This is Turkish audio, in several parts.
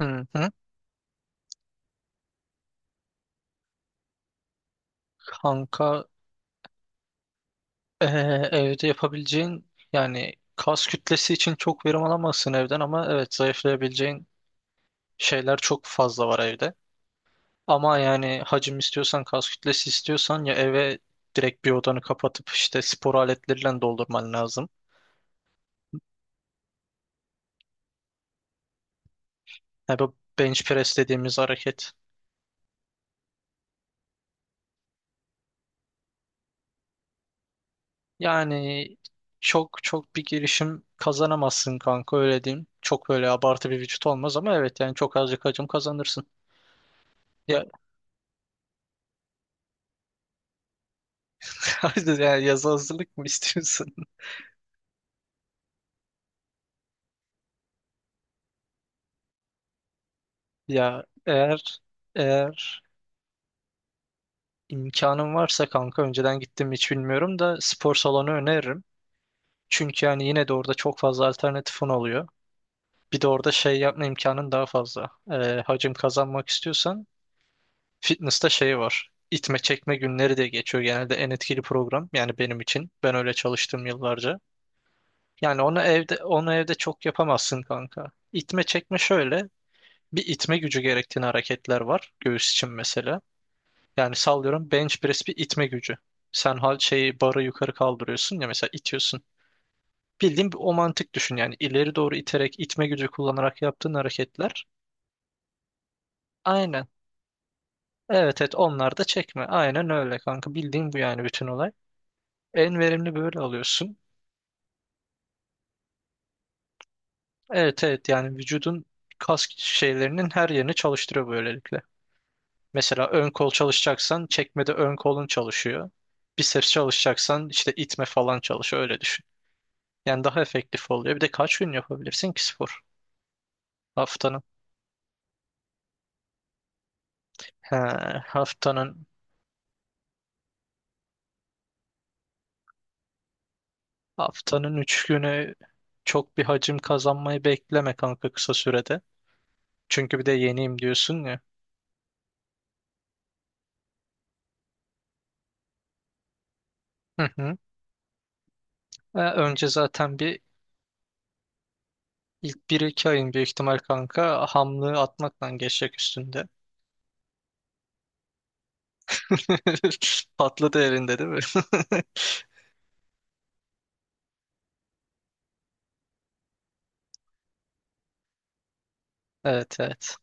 Hı hı. Kanka evde yapabileceğin yani kas kütlesi için çok verim alamazsın evden ama evet zayıflayabileceğin şeyler çok fazla var evde. Ama yani hacim istiyorsan kas kütlesi istiyorsan ya eve direkt bir odanı kapatıp işte spor aletleriyle doldurman lazım. Ya bu bench press dediğimiz hareket. Yani çok çok bir girişim kazanamazsın kanka öyle diyeyim. Çok böyle abartı bir vücut olmaz ama evet yani çok azıcık hacim kazanırsın. Ya Yani yazı hazırlık mı istiyorsun? Ya eğer imkanım varsa kanka önceden gittim mi hiç bilmiyorum da spor salonu öneririm. Çünkü yani yine de orada çok fazla alternatifin oluyor. Bir de orada şey yapma imkanın daha fazla. Hacim kazanmak istiyorsan fitness'ta şey var. İtme çekme günleri de geçiyor genelde en etkili program yani benim için. Ben öyle çalıştım yıllarca. Yani onu evde çok yapamazsın kanka. İtme çekme şöyle. Bir itme gücü gerektiğini hareketler var göğüs için mesela. Yani sallıyorum bench press bir itme gücü. Sen hal şeyi barı yukarı kaldırıyorsun ya mesela itiyorsun. Bildiğin bir o mantık düşün yani ileri doğru iterek itme gücü kullanarak yaptığın hareketler. Aynen. Evet onlar da çekme. Aynen öyle kanka bildiğin bu yani bütün olay. En verimli böyle alıyorsun. Evet yani vücudun kas şeylerinin her yerini çalıştırıyor böylelikle. Mesela ön kol çalışacaksan çekmede ön kolun çalışıyor. Biceps çalışacaksan işte itme falan çalışıyor öyle düşün. Yani daha efektif oluyor. Bir de kaç gün yapabilirsin ki spor? Haftanın. He, haftanın haftanın 3 günü çok bir hacim kazanmayı bekleme kanka kısa sürede. Çünkü bir de yeniyim diyorsun ya. Hı hı. Önce zaten ilk bir iki ayın büyük ihtimal kanka hamlığı atmakla geçecek üstünde. Patladı elinde değil mi? Evet evet.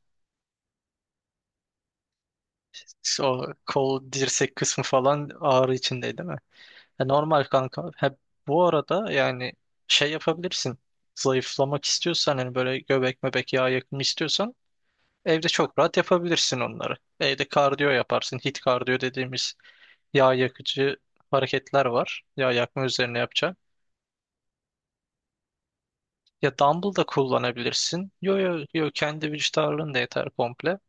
İşte o kol dirsek kısmı falan ağrı içindeydi değil mi? Ya normal kanka. Hep bu arada yani şey yapabilirsin. Zayıflamak istiyorsan hani böyle göbek mebek yağ yakımı istiyorsan evde çok rahat yapabilirsin onları. Evde kardiyo yaparsın. Hit kardiyo dediğimiz yağ yakıcı hareketler var. Yağ yakma üzerine yapacağın. Ya dumbbell da kullanabilirsin. Yo kendi vücut ağırlığın da yeter komple.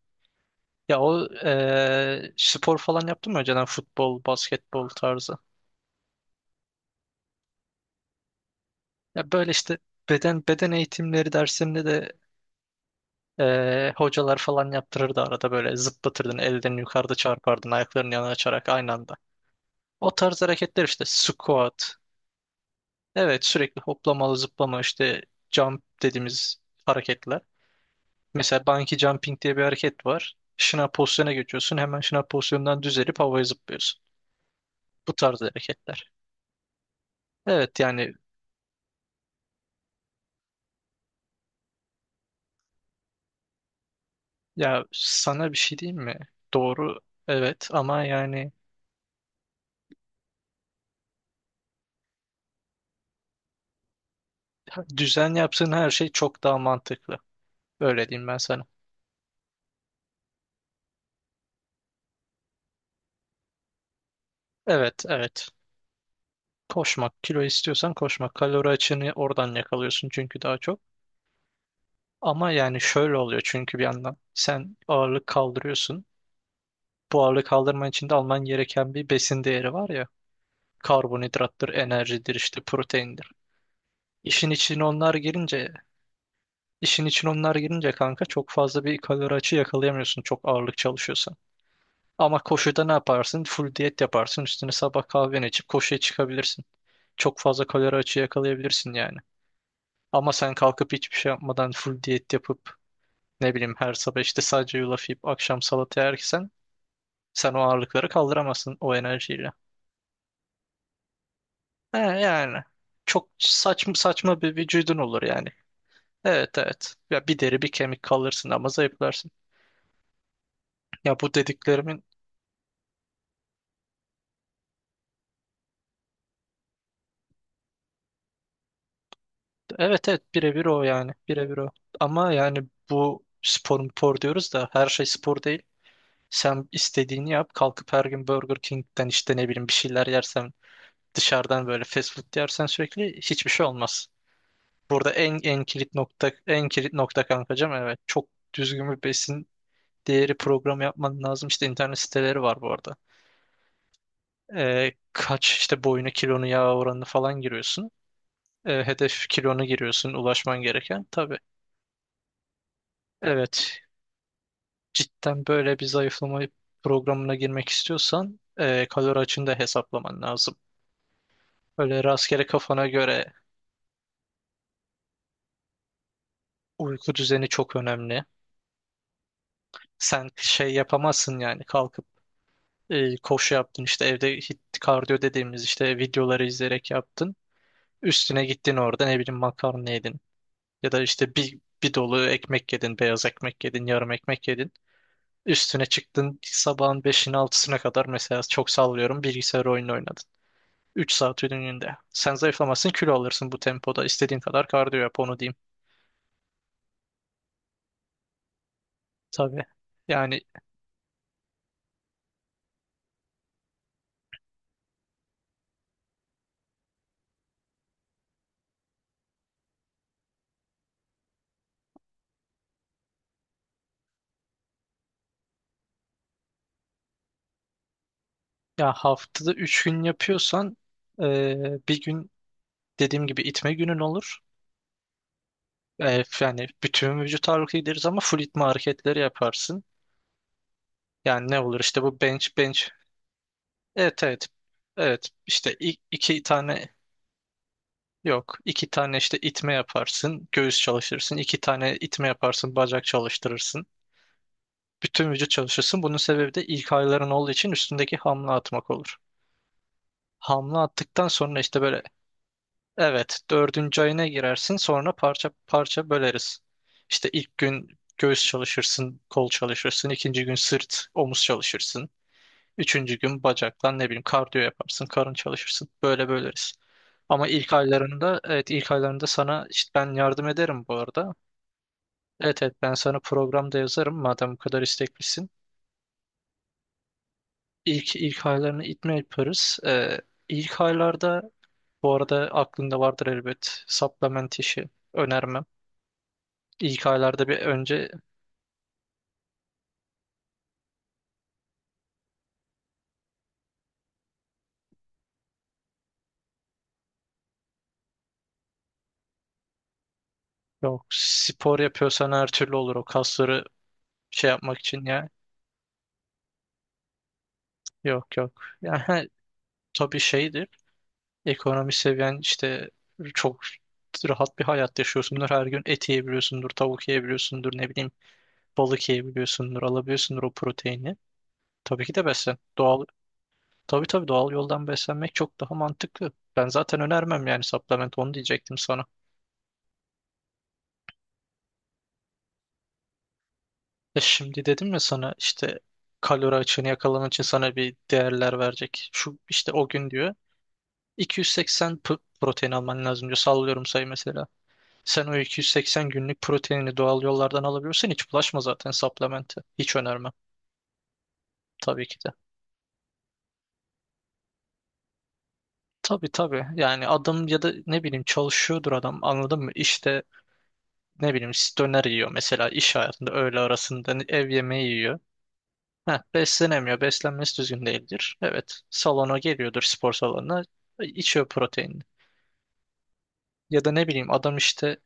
Ya o spor falan yaptın mı önceden futbol, basketbol tarzı? Ya böyle işte beden eğitimleri dersinde de hocalar falan yaptırırdı arada böyle zıplatırdın ellerini yukarıda çarpardın ayaklarını yana açarak aynı anda. O tarz hareketler işte squat. Evet sürekli hoplamalı zıplama işte jump dediğimiz hareketler. Mesela bungee jumping diye bir hareket var. Şınav pozisyona geçiyorsun hemen şınav pozisyonundan düzelip havaya zıplıyorsun. Bu tarz hareketler. Evet yani ya sana bir şey diyeyim mi? Doğru evet ama yani düzen yaptığın her şey çok daha mantıklı. Öyle diyeyim ben sana. Evet, evet. Koşmak, kilo istiyorsan koşmak. Kalori açığını oradan yakalıyorsun çünkü daha çok. Ama yani şöyle oluyor çünkü bir yandan. Sen ağırlık kaldırıyorsun. Bu ağırlık kaldırman için de alman gereken bir besin değeri var ya. Karbonhidrattır, enerjidir, işte proteindir. İşin içine onlar girince, kanka çok fazla bir kalori açığı yakalayamıyorsun çok ağırlık çalışıyorsan. Ama koşuda ne yaparsın? Full diyet yaparsın. Üstüne sabah kahveni içip koşuya çıkabilirsin. Çok fazla kalori açığı yakalayabilirsin yani. Ama sen kalkıp hiçbir şey yapmadan full diyet yapıp ne bileyim her sabah işte sadece yulaf yiyip akşam salata yersen sen o ağırlıkları kaldıramazsın o enerjiyle. He yani çok saçma bir vücudun olur yani. Evet evet. Ya bir deri bir kemik kalırsın ama zayıflarsın. Ya bu dediklerimin evet evet birebir o yani birebir o. Ama yani bu spor mu spor diyoruz da her şey spor değil. Sen istediğini yap kalkıp her gün Burger King'den işte ne bileyim bir şeyler yersen dışarıdan böyle fast food yersen sürekli hiçbir şey olmaz. Burada en kilit nokta en kilit nokta kankacığım evet çok düzgün bir besin değeri programı yapman lazım. İşte internet siteleri var bu arada. Kaç işte boyunu kilonu yağ oranını falan giriyorsun. Hedef kilonu giriyorsun ulaşman gereken tabii. Evet, cidden böyle bir zayıflama programına girmek istiyorsan kalori açığını da hesaplaman lazım. Öyle rastgele kafana göre uyku düzeni çok önemli. Sen şey yapamazsın yani kalkıp koşu yaptın işte evde hit kardiyo dediğimiz işte videoları izleyerek yaptın. Üstüne gittin orada ne bileyim makarna yedin ya da işte bir dolu ekmek yedin, beyaz ekmek yedin, yarım ekmek yedin. Üstüne çıktın sabahın 5'ine altısına kadar mesela çok sallıyorum bilgisayar oyunu oynadın. 3 saat ürününde. Sen zayıflamazsın kilo alırsın bu tempoda. İstediğin kadar kardiyo yap onu diyeyim. Tabii. Yani ya haftada 3 gün yapıyorsan bir gün dediğim gibi itme günün olur. Yani bütün vücut ağırlıklı gideriz ama full itme hareketleri yaparsın. Yani ne olur işte bu bench. Evet evet. Evet işte iki tane yok. İki tane işte itme yaparsın. Göğüs çalıştırırsın. İki tane itme yaparsın. Bacak çalıştırırsın. Bütün vücut çalışırsın. Bunun sebebi de ilk ağrıların olduğu için üstündeki hamle atmak olur. Hamle attıktan sonra işte böyle evet dördüncü ayına girersin sonra parça parça böleriz. İşte ilk gün göğüs çalışırsın, kol çalışırsın. İkinci gün sırt, omuz çalışırsın. Üçüncü gün bacakla ne bileyim kardiyo yaparsın, karın çalışırsın. Böyle böleriz. Ama ilk aylarında evet ilk aylarında sana işte ben yardım ederim bu arada. Evet evet ben sana programda yazarım madem bu kadar isteklisin. İlk aylarını itme yaparız. İlk aylarda bu arada aklında vardır elbet supplement işi önermem. İlk aylarda bir önce yok spor yapıyorsan her türlü olur o kasları şey yapmak için ya. Yok yok. Yani he, tabii şeydir. Ekonomi seviyen işte çok rahat bir hayat yaşıyorsundur. Her gün et yiyebiliyorsundur, tavuk yiyebiliyorsundur, ne bileyim balık yiyebiliyorsundur, alabiliyorsundur o proteini. Tabii ki de beslen. Doğal tabii tabii doğal yoldan beslenmek çok daha mantıklı. Ben zaten önermem yani supplement onu diyecektim sana. E şimdi dedim ya sana işte kalori açığını yakalaman için sana bir değerler verecek. Şu işte o gün diyor 280 protein alman lazım diyor. Sallıyorum sayı mesela. Sen o 280 günlük proteinini doğal yollardan alabiliyorsan hiç bulaşma zaten supplement'e. Hiç önermem tabii ki de. Tabii tabii yani adam ya da ne bileyim çalışıyordur adam anladın mı? İşte ne bileyim döner yiyor mesela iş hayatında öğle arasında ev yemeği yiyor. Heh, beslenemiyor. Beslenmesi düzgün değildir. Evet. Salona geliyordur spor salonuna. İçiyor proteinini. Ya da ne bileyim adam işte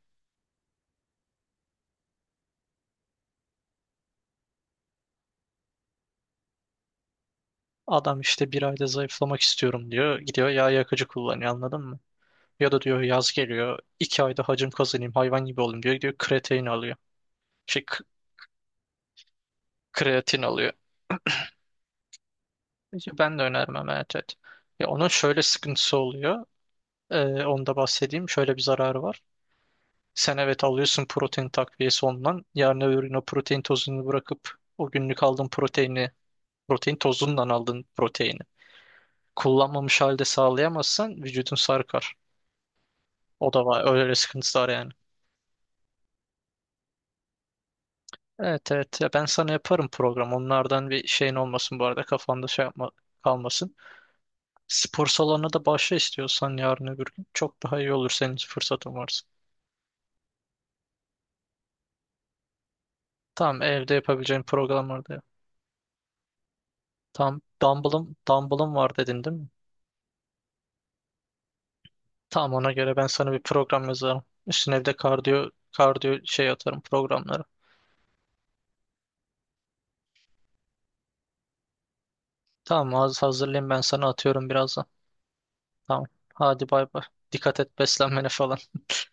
adam işte bir ayda zayıflamak istiyorum diyor. Gidiyor yağ yakıcı kullanıyor anladın mı? Ya da diyor yaz geliyor. İki ayda hacim kazanayım hayvan gibi olayım diyor. Gidiyor kreatin alıyor. Şey k- Kreatin alıyor. Ya ben de önermem evet, evet. Ya onun şöyle sıkıntısı oluyor. Ee, Onu da bahsedeyim. Şöyle bir zararı var. Sen evet alıyorsun protein takviyesi ondan. Yarın öbür gün o protein tozunu bırakıp o günlük aldığın proteini, protein tozundan aldığın proteini kullanmamış halde sağlayamazsan vücudun sarkar. O da var. Öyle sıkıntısı var yani. Evet evet. Ya ben sana yaparım program. Onlardan bir şeyin olmasın bu arada. Kafanda şey yapma kalmasın. Spor salonuna da başla istiyorsan yarın öbür gün. Çok daha iyi olur senin fırsatın varsa. Tamam evde yapabileceğin program vardı ya. Tamam. Dumbbell'ım var dedin değil mi? Tamam ona göre ben sana bir program yazarım. Üstüne bir de kardiyo şey atarım programları. Tamam az hazırlayayım ben sana atıyorum birazdan. Tamam. Hadi bay bay. Dikkat et beslenmene falan.